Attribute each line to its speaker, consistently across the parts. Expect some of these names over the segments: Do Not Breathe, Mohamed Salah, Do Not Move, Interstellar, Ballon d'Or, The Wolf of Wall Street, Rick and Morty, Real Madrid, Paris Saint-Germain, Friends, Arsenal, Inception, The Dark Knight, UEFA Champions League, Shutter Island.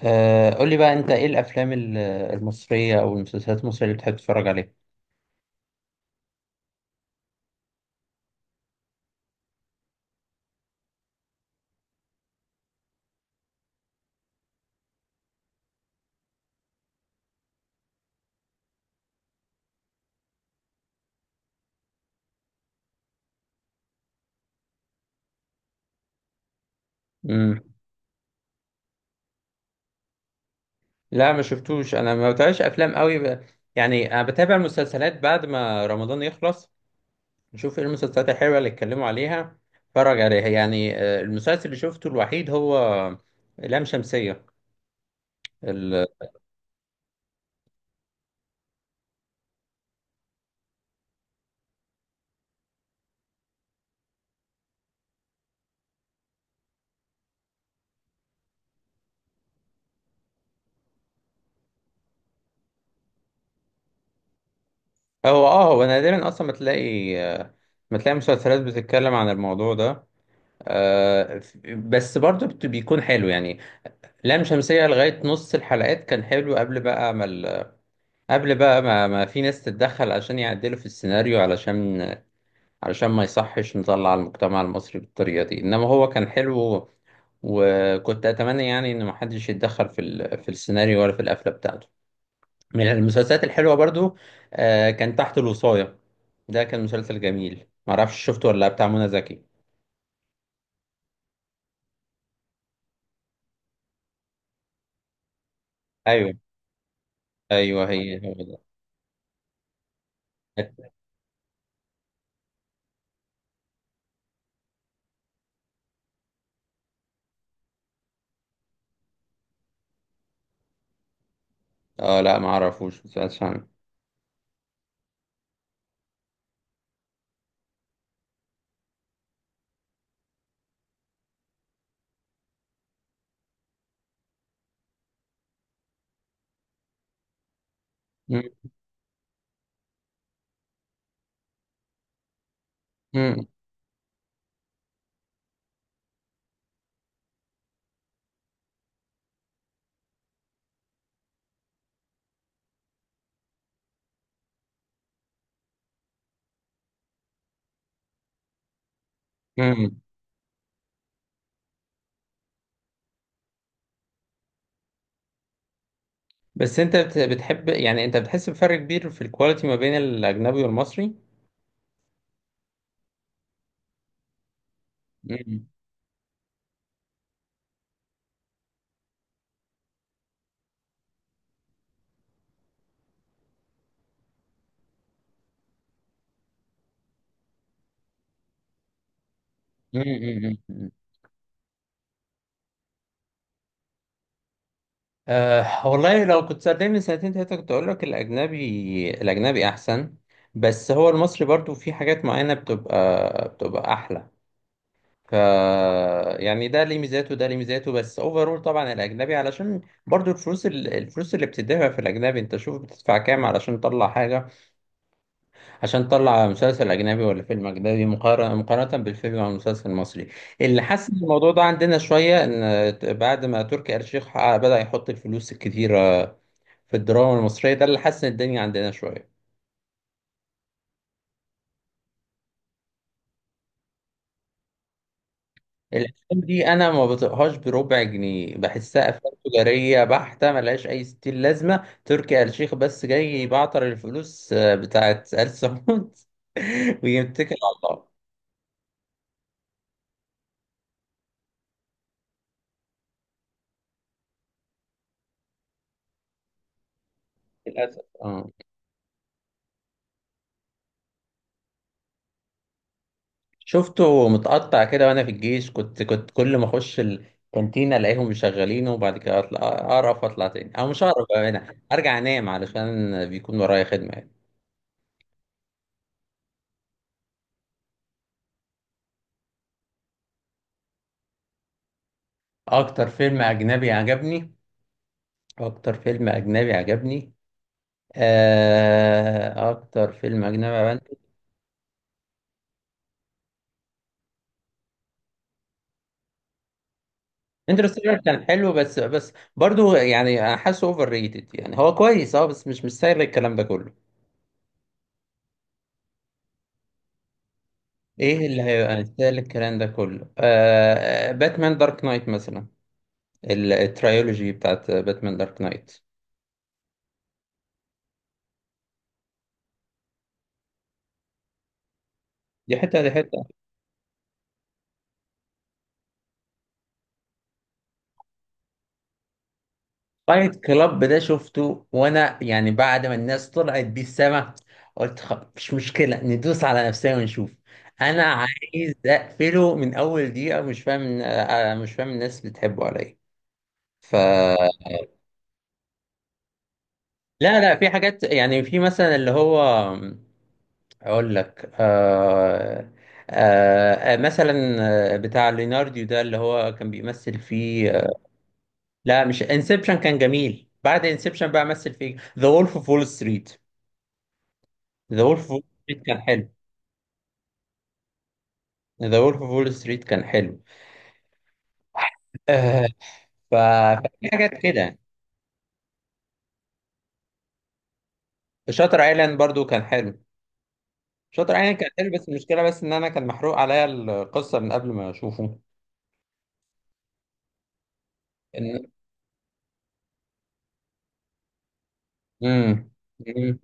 Speaker 1: قول لي بقى انت ايه الافلام المصريه او المسلسلات المصريه اللي بتحب تتفرج عليها؟ امم، لا ما شفتوش، انا ما بتابعش افلام قوي يعني انا بتابع المسلسلات بعد ما رمضان يخلص، نشوف ايه المسلسلات الحلوه اللي اتكلموا عليها اتفرج عليها يعني. المسلسل اللي شفته الوحيد هو لام شمسيه ال... هو نادرا اصلا ما تلاقي، مسلسلات بتتكلم عن الموضوع ده. بس برضه بيكون حلو يعني. لام شمسية لغاية نص الحلقات كان حلو، قبل بقى ما ال... قبل بقى ما, ما في ناس تتدخل عشان يعدلوا في السيناريو، علشان ما يصحش نطلع المجتمع المصري بالطريقة دي، إنما هو كان حلو وكنت أتمنى يعني إن محدش يتدخل في في السيناريو ولا في القفلة بتاعته. من المسلسلات الحلوة برضو كان تحت الوصاية، ده كان مسلسل جميل، معرفش شفته ولا لأ، بتاع منى زكي. أيوه، أيوه، هي هو ده. اه لا، معرفوش مسلسل عنه. م- م- م. بس انت بتحب يعني، انت بتحس بفرق كبير في الكواليتي ما بين الاجنبي والمصري؟ مم. مم، مم، مم. أه والله، لو كنت سألتني من سنتين 3 كنت أقول لك الأجنبي، الأجنبي أحسن. بس هو المصري برضو في حاجات معينة بتبقى أحلى، ف يعني ده ليه ميزاته وده ليه ميزاته. بس أوفرول طبعا الأجنبي، علشان برضو الفلوس الفلوس اللي بتدفع في الأجنبي، أنت شوف بتدفع كام علشان تطلع حاجة، عشان تطلع مسلسل أجنبي ولا فيلم أجنبي، مقارنة بالفيلم أو المسلسل المصري. اللي حسن الموضوع ده عندنا شوية بعد ما تركي آل الشيخ بدأ يحط الفلوس الكتيرة في الدراما المصرية، ده اللي حسن الدنيا عندنا شوية. الأفلام دي أنا ما بطيقهاش بربع جنيه، بحسها أفلام تجارية بحتة ملهاش أي ستين لازمة، تركي آل الشيخ بس جاي يبعتر الفلوس بتاعت آل سعود ويتكل على الله. للأسف آه. شفته متقطع كده وانا في الجيش، كنت كل ما اخش الكانتين الاقيهم مشغلينه، وبعد كده اطلع اقرف واطلع تاني، او مش اقرف بقى انا ارجع انام علشان بيكون ورايا خدمه يعني. اكتر فيلم اجنبي عجبني اكتر فيلم اجنبي عجبني اكتر فيلم اجنبي عجبني انترستيلر. كان حلو بس برضو يعني أنا حاسه اوفر ريتد يعني، هو كويس بس مش مستاهل الكلام ده كله. ايه اللي هيبقى مستاهل الكلام ده كله؟ باتمان دارك نايت مثلا، الترايولوجي بتاعت باتمان دارك نايت. دي حته دي حته. فايت كلاب ده شفته وانا يعني بعد ما الناس طلعت بيه السما، قلت مش مشكله ندوس على نفسنا ونشوف. انا عايز اقفله من اول دقيقه، مش فاهم، الناس بتحبه على ايه. ف لا لا، في حاجات يعني، في مثلا اللي هو، اقول لك، مثلا بتاع ليناردو ده اللي هو كان بيمثل فيه. لا مش انسبشن، كان جميل بعد انسبشن بقى، مثل في ذا وولف اوف وول ستريت. ذا وولف اوف وول ستريت كان حلو. ذا وولف اوف وول ستريت كان حلو. آه ففي حاجات كده. شاتر ايلاند برضو كان حلو شاتر ايلاند كان حلو، بس المشكله بس ان انا كان محروق عليا القصه من قبل ما اشوفه. إن... مم. مم.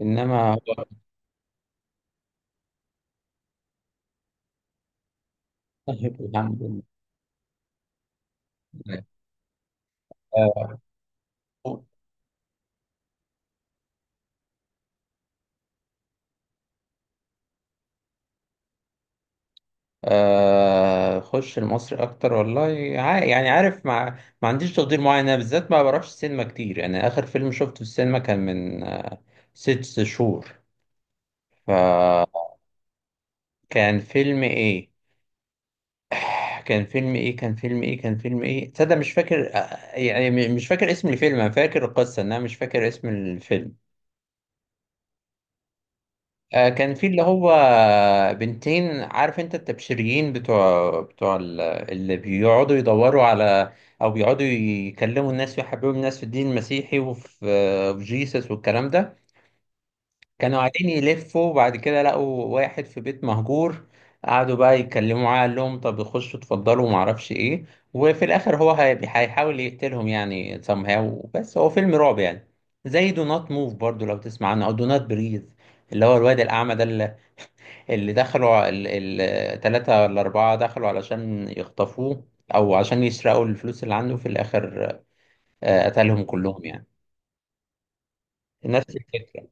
Speaker 1: انما هو الحمد لله آه. خش المصري اكتر والله. يعني عارف، مع ما عنديش تقدير معين انا بالذات ما بروحش السينما كتير يعني، اخر فيلم شفته في السينما كان من 6 شهور، فكان فيلم ايه. كان فيلم ايه تصدق، مش فاكر، يعني مش فاكر اسم الفيلم، انا فاكر القصة انا مش فاكر اسم الفيلم. كان في اللي هو بنتين، عارف انت التبشريين بتوع اللي بيقعدوا يدوروا على، او بيقعدوا يكلموا الناس ويحببوا الناس في الدين المسيحي، وفي آه، في جيسس والكلام ده. كانوا قاعدين يلفوا وبعد كده لقوا واحد في بيت مهجور، قعدوا بقى يتكلموا معاه، قال لهم طب خشوا اتفضلوا وما اعرفش ايه، وفي الاخر هو هيحاول يقتلهم يعني somehow، بس هو فيلم رعب يعني. زي دو نوت موف برضو، لو تسمع عنه، او دو نوت بريز اللي هو الواد الأعمى ده، اللي دخلوا 3 ولا 4 دخلوا علشان يخطفوه أو عشان يسرقوا الفلوس اللي عنده، في الآخر قتلهم كلهم يعني. نفس الفكرة.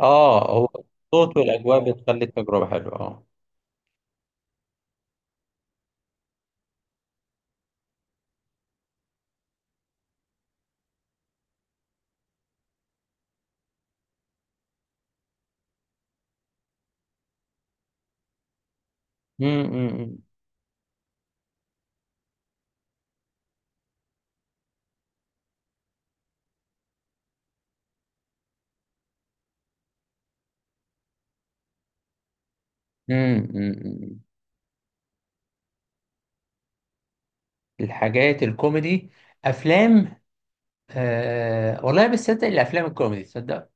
Speaker 1: اه هو الصوت والأجواء بتخلي التجربة حلوة، اه. مم، مم، مم. مم، مم. الحاجات الكوميدي، أفلام، والله بصدق الأفلام الكوميدي تصدق،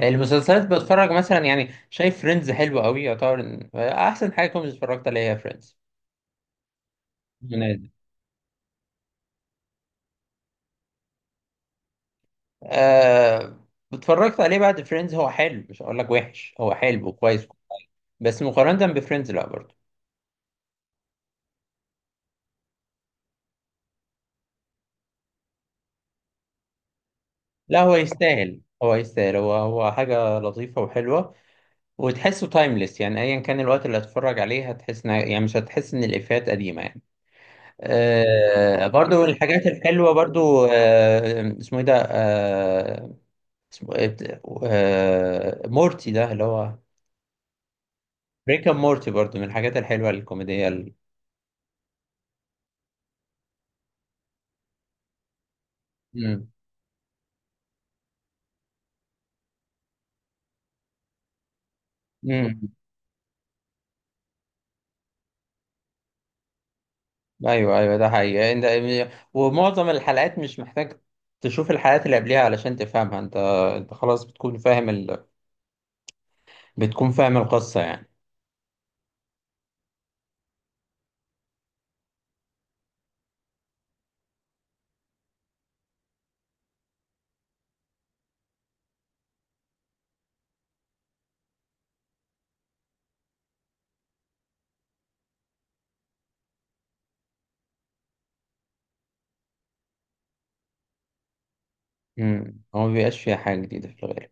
Speaker 1: المسلسلات بتفرج مثلا يعني، شايف فريندز حلوة قوي، يعتبر أحسن حاجة كوميدي اتفرجت عليها فريندز. آه اتفرجت عليه بعد فريندز، هو حلو مش هقول لك وحش، هو حلو وكويس، بس مقارنة بفريندز لا برضه. لا هو يستاهل هو حاجة لطيفة وحلوة، وتحسه تايمليس يعني، أيا كان الوقت اللي هتتفرج عليه هتحس يعني مش هتحس إن الإفيهات قديمة يعني. برضو الحاجات الحلوة برضو، اسمه إيه ده اسمه إيه مورتي ده اللي هو، بريك أب مورتي برضو من الحاجات الحلوة الكوميدية مم. ايوه، ايوه، ده حقيقي. انت ومعظم الحلقات مش محتاج تشوف الحلقات اللي قبلها علشان تفهمها. انت خلاص بتكون فاهم القصة يعني. هو ما بيبقاش فيها حاجة جديدة في الغالب.